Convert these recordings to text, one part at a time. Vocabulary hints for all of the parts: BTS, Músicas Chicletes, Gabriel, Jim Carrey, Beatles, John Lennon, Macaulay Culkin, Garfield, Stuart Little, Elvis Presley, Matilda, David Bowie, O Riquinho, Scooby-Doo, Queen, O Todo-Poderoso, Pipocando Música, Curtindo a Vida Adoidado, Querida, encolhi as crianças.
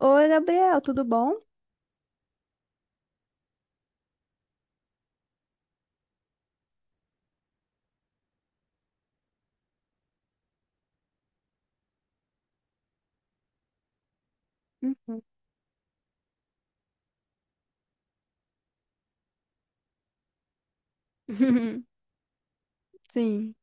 Oi, Gabriel, tudo bom? Uhum. Sim.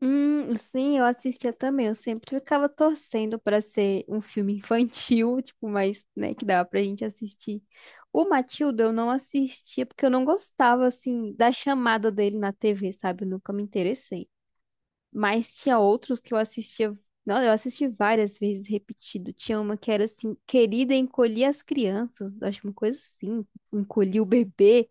Sim, eu assistia também. Eu sempre ficava torcendo para ser um filme infantil, tipo, mas, né, que dava pra gente assistir. O Matilda eu não assistia porque eu não gostava, assim, da chamada dele na TV, sabe? Eu nunca me interessei. Mas tinha outros que eu assistia. Não, eu assisti várias vezes repetido. Tinha uma que era assim, Querida, encolhi as crianças. Acho uma coisa assim, encolhi o bebê.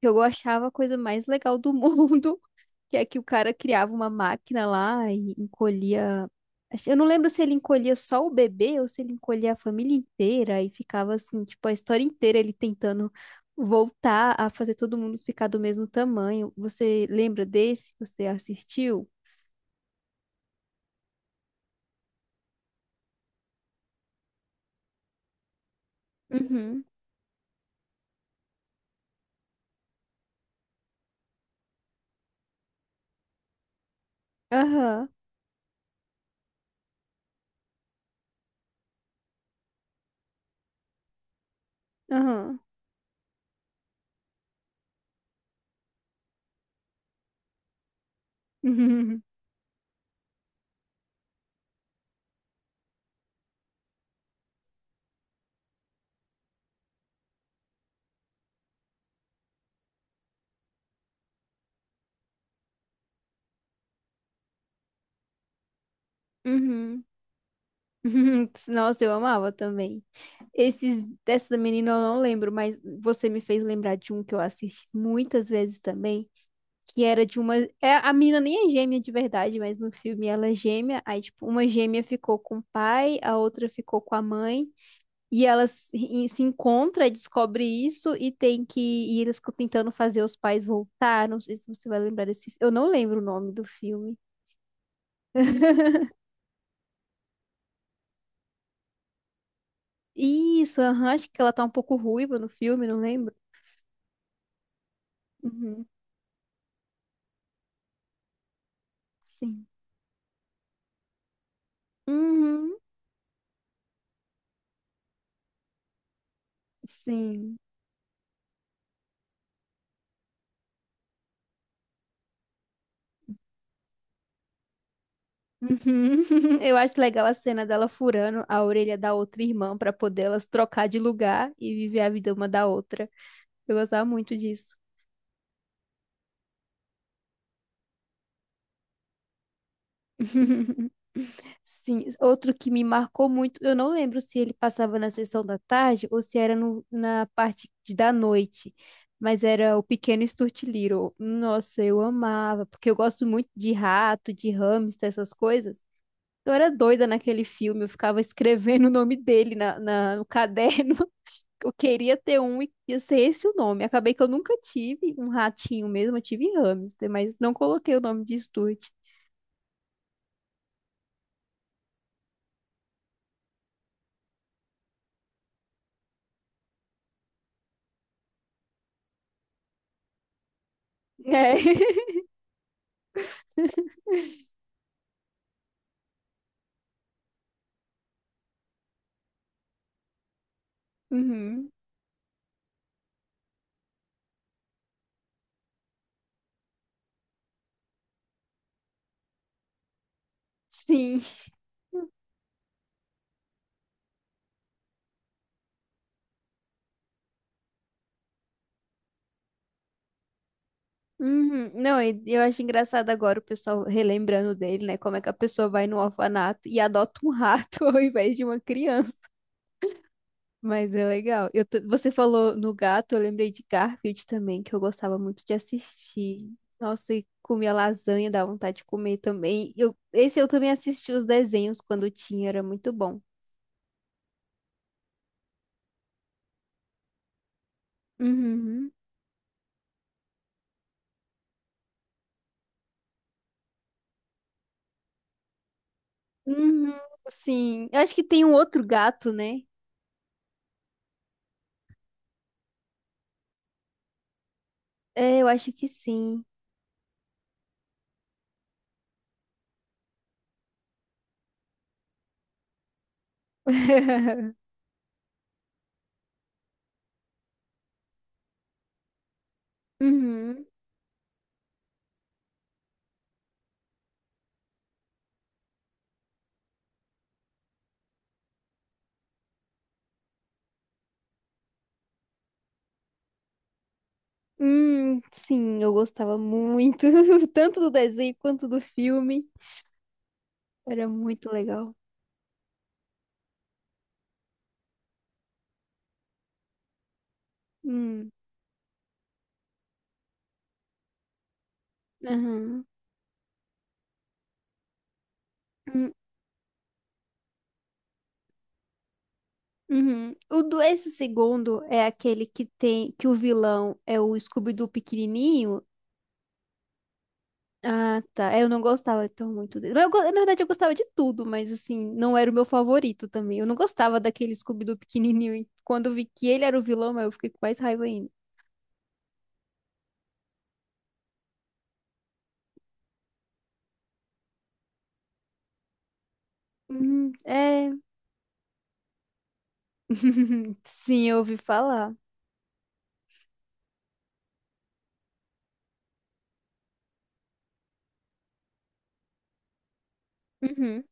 Eu achava a coisa mais legal do mundo, que é que o cara criava uma máquina lá e encolhia. Eu não lembro se ele encolhia só o bebê ou se ele encolhia a família inteira e ficava assim, tipo, a história inteira ele tentando voltar a fazer todo mundo ficar do mesmo tamanho. Você lembra desse? Você assistiu? Uhum. Aham, aham. Uhum. Nossa, eu amava também. Esses dessa da menina eu não lembro, mas você me fez lembrar de um que eu assisti muitas vezes também, que era de uma, a menina nem é gêmea de verdade, mas no filme ela é gêmea, aí tipo, uma gêmea ficou com o pai, a outra ficou com a mãe, e elas se e se encontram, e descobre isso e tem que e eles ficam tentando fazer os pais voltar, não sei se você vai lembrar desse, eu não lembro o nome do filme. Isso, aham, acho que ela tá um pouco ruiva no filme, não lembro. Uhum. Sim. Uhum. Sim. Uhum. Eu acho legal a cena dela furando a orelha da outra irmã pra poder elas trocar de lugar e viver a vida uma da outra. Eu gostava muito disso. Sim, outro que me marcou muito, eu não lembro se ele passava na sessão da tarde ou se era na parte da noite, mas era o Pequeno Stuart Little. Nossa, eu amava, porque eu gosto muito de rato, de hamster, essas coisas. Eu era doida naquele filme, eu ficava escrevendo o nome dele no caderno. Eu queria ter um e ia ser esse o nome. Acabei que eu nunca tive um ratinho mesmo, eu tive hamster, mas não coloquei o nome de Stuart. É. Uhum. Sim. Uhum. Não, e eu acho engraçado agora o pessoal relembrando dele, né? Como é que a pessoa vai no orfanato e adota um rato ao invés de uma criança. Mas é legal. Você falou no gato, eu lembrei de Garfield também, que eu gostava muito de assistir. Nossa, e comia lasanha, dava vontade de comer também. Esse eu também assisti os desenhos quando tinha, era muito bom. Uhum. Uhum, sim. Eu acho que tem um outro gato, né? É, eu acho que sim. Uhum. Sim, eu gostava muito, tanto do desenho quanto do filme. Era muito legal. Hum, aham. Uhum. O do esse segundo é aquele que tem que o vilão é o Scooby-Doo pequenininho. Ah, tá. É, eu não gostava tão muito dele. Mas na verdade, eu gostava de tudo, mas assim, não era o meu favorito também. Eu não gostava daquele Scooby-Doo pequenininho. E quando eu vi que ele era o vilão, eu fiquei com mais raiva ainda. É. Sim, eu ouvi falar. Uhum.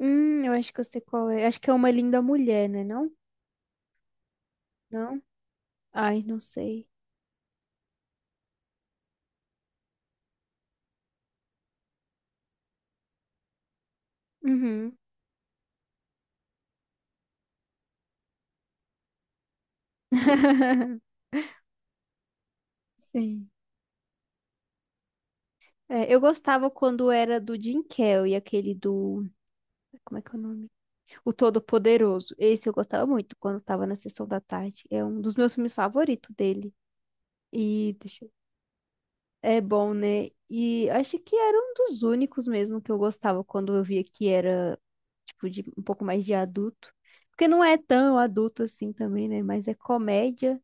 Eu acho que eu sei qual é. Acho que é uma linda mulher, né? Não? Não? Ai, não sei. Uhum. Sim. É, eu gostava quando era do Jim Carrey, aquele do. Como é que é o nome? O Todo-Poderoso. Esse eu gostava muito quando tava na sessão da tarde. É um dos meus filmes favoritos dele. E deixa eu... É bom, né? E acho que era um dos únicos mesmo que eu gostava quando eu via que era, tipo, de, um pouco mais de adulto. Porque não é tão adulto assim também, né? Mas é comédia.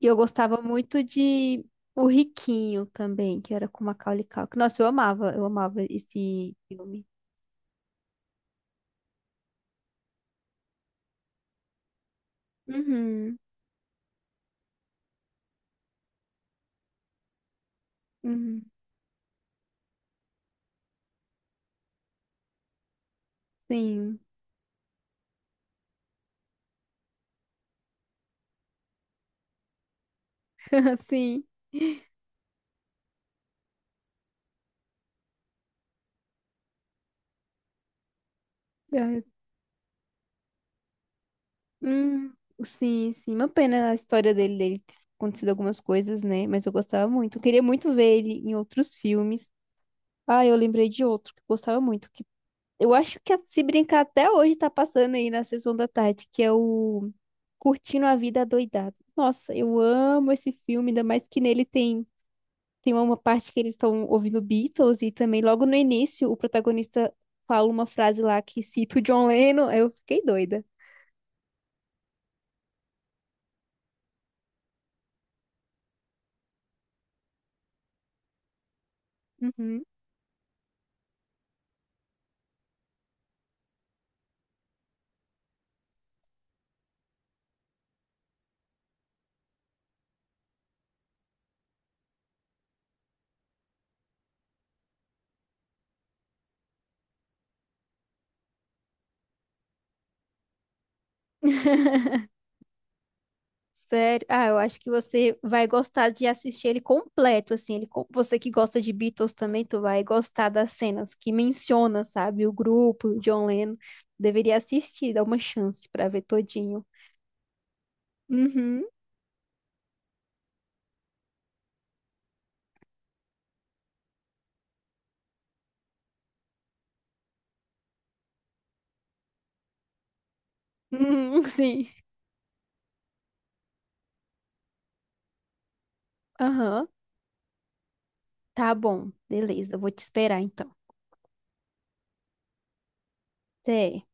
E eu gostava muito de O Riquinho também, que era com Macaulay Culkin. Nossa, eu amava esse filme. Uhum, uhum, sim, sim. Ah, hum, sim, sim. Uma pena a história dele ter acontecido algumas coisas, né? Mas eu gostava muito. Eu queria muito ver ele em outros filmes. Ah, eu lembrei de outro que eu gostava muito. Que eu acho que se brincar até hoje tá passando aí na sessão da tarde, que é o Curtindo a Vida Adoidado. Nossa, eu amo esse filme, ainda mais que nele tem. Tem uma parte que eles estão ouvindo Beatles e também logo no início o protagonista fala uma frase lá que cita o John Lennon. Aí eu fiquei doida. Uhum. Sério? Ah, eu acho que você vai gostar de assistir ele completo, assim. Você que gosta de Beatles também, tu vai gostar das cenas que menciona, sabe? O grupo, o John Lennon. Deveria assistir, dar uma chance pra ver todinho. Uhum. Uhum, sim. Aham. Tá bom. Beleza, eu vou te esperar então. Até.